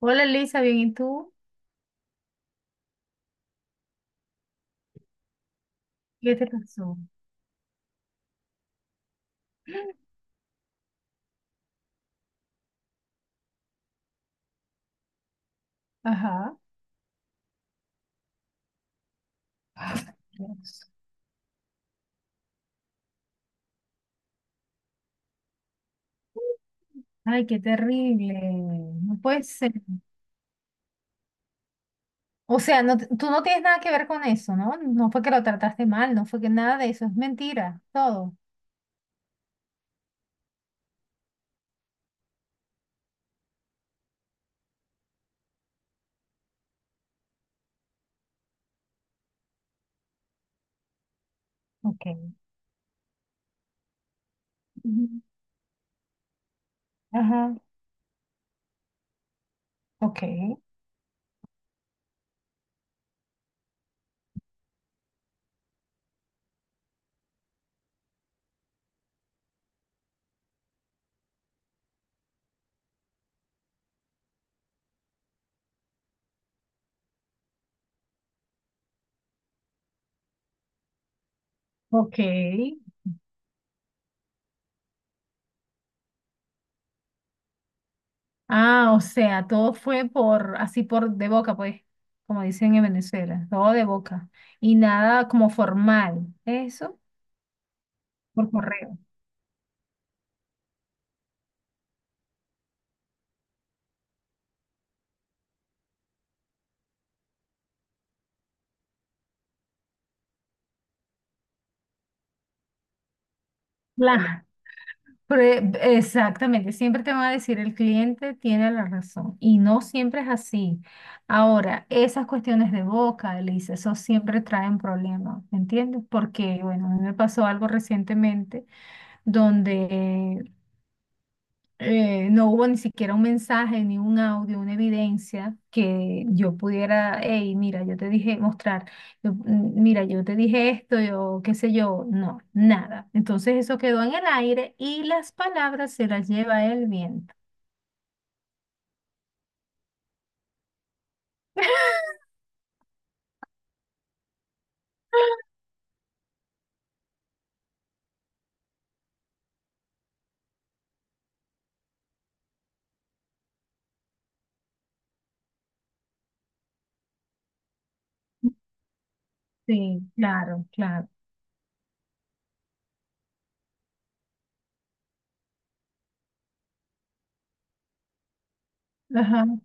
Hola Elisa, bien, ¿y tú? ¿Qué te pasó? Ajá. Dios. Ay, qué terrible. No puede ser. O sea, no, tú no tienes nada que ver con eso, ¿no? No fue que lo trataste mal, no fue que nada de eso, es mentira, todo. Ok. Ujú. Ajá. Ok. Ok. Ah, o sea, todo fue por, así por de boca, pues, como dicen en Venezuela, todo de boca. Y nada como formal, eso, por correo. Claro. Exactamente, siempre te va a decir el cliente tiene la razón y no siempre es así. Ahora, esas cuestiones de boca, Elisa, eso siempre traen problemas, ¿me entiendes? Porque, bueno, a mí me pasó algo recientemente donde no hubo ni siquiera un mensaje, ni un audio, una evidencia que yo pudiera, hey, mira, yo te dije mostrar, yo, mira, yo te dije esto, yo qué sé yo, no, nada. Entonces eso quedó en el aire y las palabras se las lleva el viento. Sí, claro, claro. Ajá.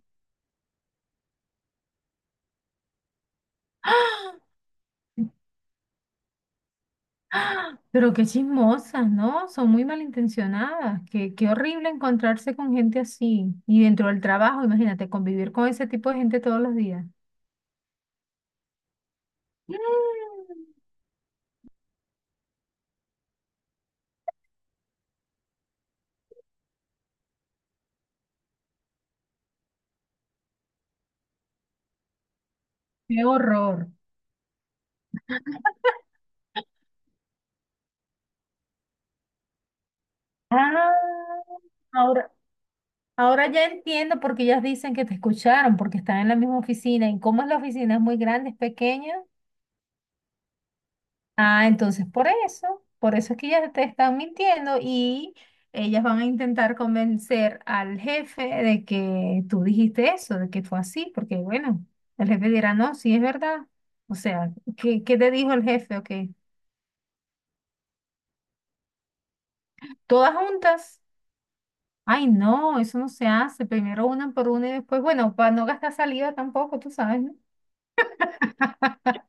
¡Ah! ¡Ah! Pero qué, chismosas, ¿no? Son muy malintencionadas. qué horrible encontrarse con gente así. Y dentro del trabajo, imagínate, convivir con ese tipo de gente todos los días. Qué horror. Ah, Ahora, ahora ya entiendo por qué ellas dicen que te escucharon, porque están en la misma oficina. ¿Y cómo es la oficina? ¿Es muy grande, es pequeña? Ah, entonces por eso es que ellas te están mintiendo y ellas van a intentar convencer al jefe de que tú dijiste eso, de que fue así, porque bueno, el jefe dirá, no, sí es verdad. O sea, ¿qué te dijo el jefe? ¿O qué? Todas juntas. Ay, no, eso no se hace. Primero una por una y después, bueno, para no gastar saliva tampoco, tú sabes, ¿no?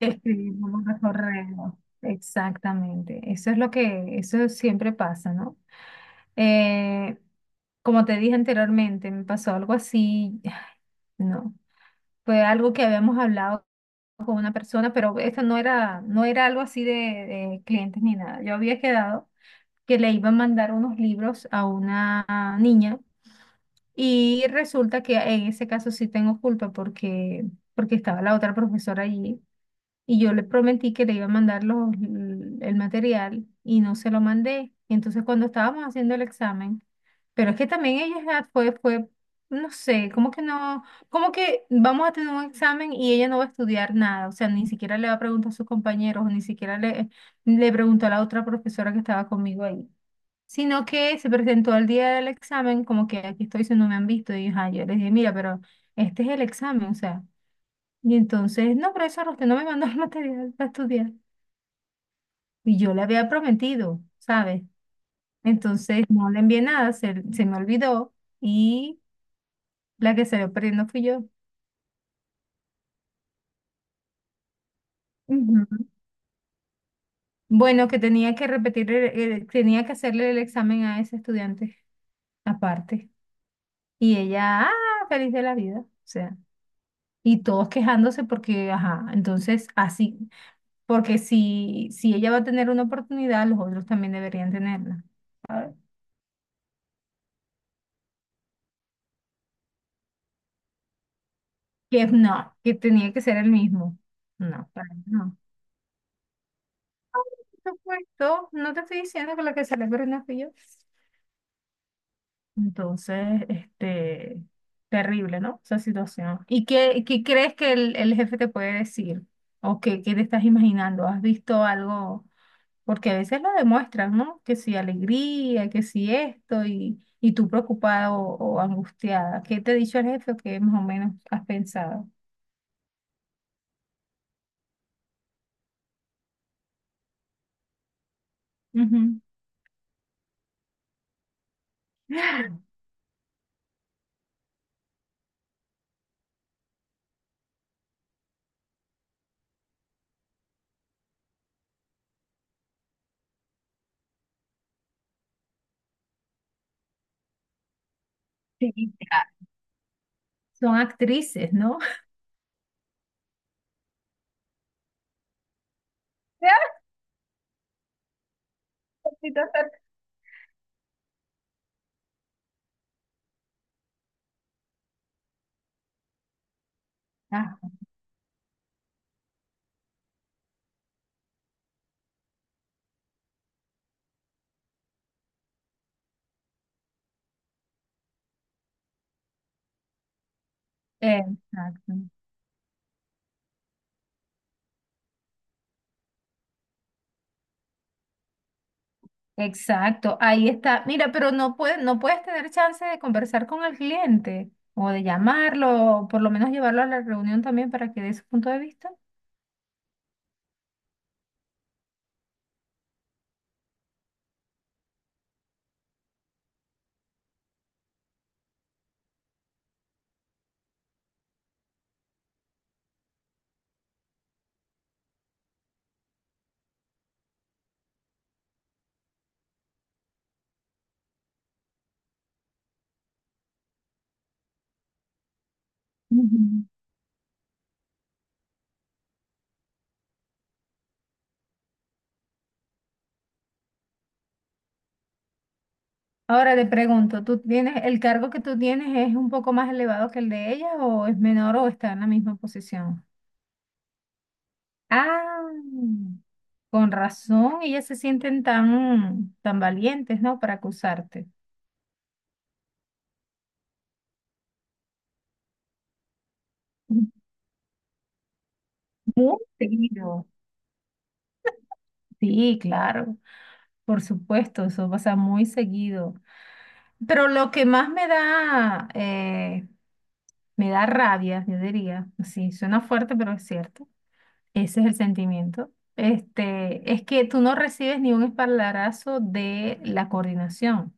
Escribimos los correos. Exactamente. Eso es lo que, eso siempre pasa, ¿no? Eh, como te dije anteriormente, me pasó algo así, no, fue algo que habíamos hablado con una persona, pero esto no era algo así de clientes ni nada. Yo había quedado que le iba a mandar unos libros a una niña. Y resulta que en ese caso sí tengo culpa porque, porque estaba la otra profesora allí y yo le prometí que le iba a mandar el material y no se lo mandé. Entonces cuando estábamos haciendo el examen, pero es que también ella ya fue, no sé, como que no, como que vamos a tener un examen y ella no va a estudiar nada, o sea, ni siquiera le va a preguntar a sus compañeros, ni siquiera le, le preguntó a la otra profesora que estaba conmigo ahí, sino que se presentó al día del examen, como que aquí estoy, si no me han visto, y ajá, yo les dije, mira, pero este es el examen, o sea, y entonces, no, profesor, usted no me mandó el material para estudiar, y yo le había prometido, ¿sabes? Entonces, no le envié nada, se me olvidó, y la que salió perdiendo fui yo. Ujú. Bueno, que tenía que repetir, tenía que hacerle el examen a ese estudiante aparte, y ella, ah, feliz de la vida, o sea. Y todos quejándose porque, ajá, entonces así, porque si ella va a tener una oportunidad, los otros también deberían tenerla. ¿Sabes? Que no, que tenía que ser el mismo. No, para mí no. Por supuesto, no te estoy diciendo que la que sale no fui yo. Entonces, este, terrible, ¿no? Esa situación. ¿Y qué, qué crees que el jefe te puede decir? ¿O qué te estás imaginando? ¿Has visto algo? Porque a veces lo demuestran, ¿no? Que si alegría, que si esto, y tú preocupada o angustiada. ¿Qué te ha dicho el jefe o qué más o menos has pensado? Ujú. Sí, ah, son actrices, ¿no? Ya, sí, total. Ah, exacto. Exacto, ahí está. Mira, pero no puedes tener chance de conversar con el cliente o de llamarlo, o por lo menos llevarlo a la reunión también para que dé su punto de vista. Ujú. Ahora te pregunto, ¿tú tienes, el cargo que tú tienes es un poco más elevado que el de ella o es menor o está en la misma posición? Ah, con razón, ellas se sienten tan, tan valientes, ¿no? Para acusarte. Muy seguido. Sí, claro, por supuesto, eso pasa muy seguido. Pero lo que más me da rabia, yo diría, sí, suena fuerte, pero es cierto. Ese es el sentimiento. Este, es que tú no recibes ni un espaldarazo de la coordinación,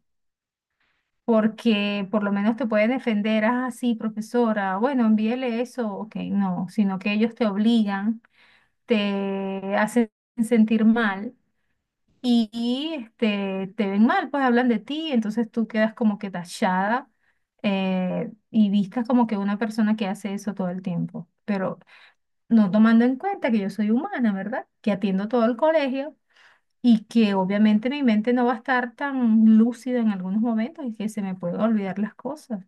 porque por lo menos te pueden defender, ah, sí, profesora, bueno, envíele eso, ok, no, sino que ellos te obligan, te hacen sentir mal y, este, te ven mal, pues hablan de ti, entonces tú quedas como que tachada, y vistas como que una persona que hace eso todo el tiempo. Pero no tomando en cuenta que yo soy humana, ¿verdad? Que atiendo todo el colegio y que obviamente mi mente no va a estar tan lúcida en algunos momentos y que se me pueden olvidar las cosas.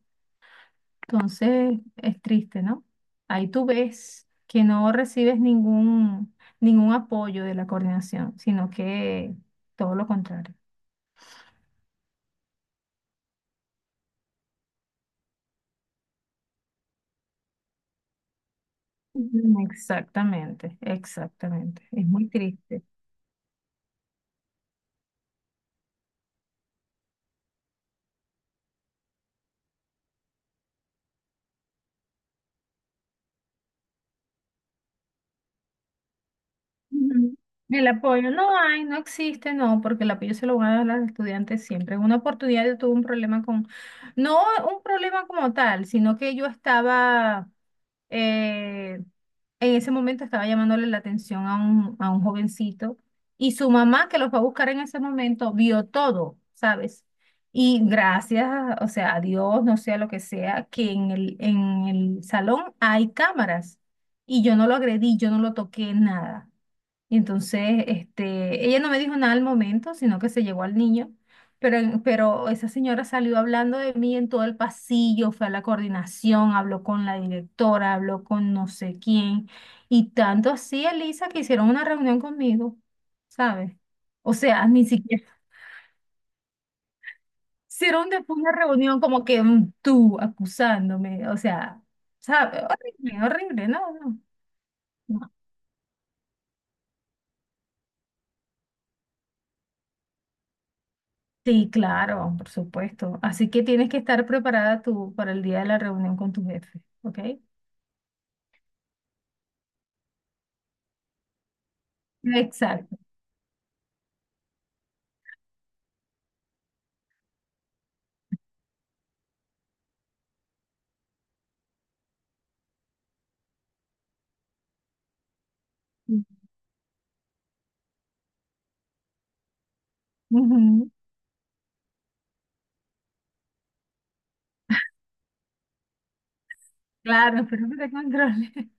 Entonces es triste, ¿no? Ahí tú ves que no recibes ningún apoyo de la coordinación, sino que todo lo contrario. Ujú. Exactamente, exactamente. Es muy triste. Ujú. El apoyo no hay, no existe, no, porque el apoyo se lo van a dar a los estudiantes siempre. En una oportunidad yo tuve un problema no un problema como tal, sino que yo estaba, eh, en ese momento estaba llamándole la atención a un jovencito y su mamá, que los va a buscar en ese momento, vio todo, ¿sabes? Y gracias, o sea, a Dios, no sea lo que sea, que en el salón hay cámaras y yo no lo agredí, yo no lo toqué, nada. Y entonces, este, ella no me dijo nada al momento, sino que se llevó al niño, pero, pero esa señora salió hablando de mí en todo el pasillo, fue a la coordinación, habló con la directora, habló con no sé quién, y tanto así, Elisa, que hicieron una reunión conmigo, ¿sabes? O sea, ni siquiera hicieron después una reunión como que tú acusándome, o sea, ¿sabes? Horrible, horrible, no, no. No. Sí, claro, por supuesto. Así que tienes que estar preparada tú para el día de la reunión con tu jefe, ¿ok? Exacto. Mm. Ujú. Claro, espero que te controle.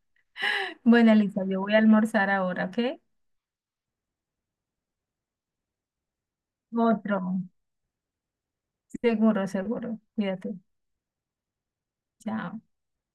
Bueno, Elisa, yo voy a almorzar ahora, ¿ok? Otro, seguro, seguro. Cuídate. Chao.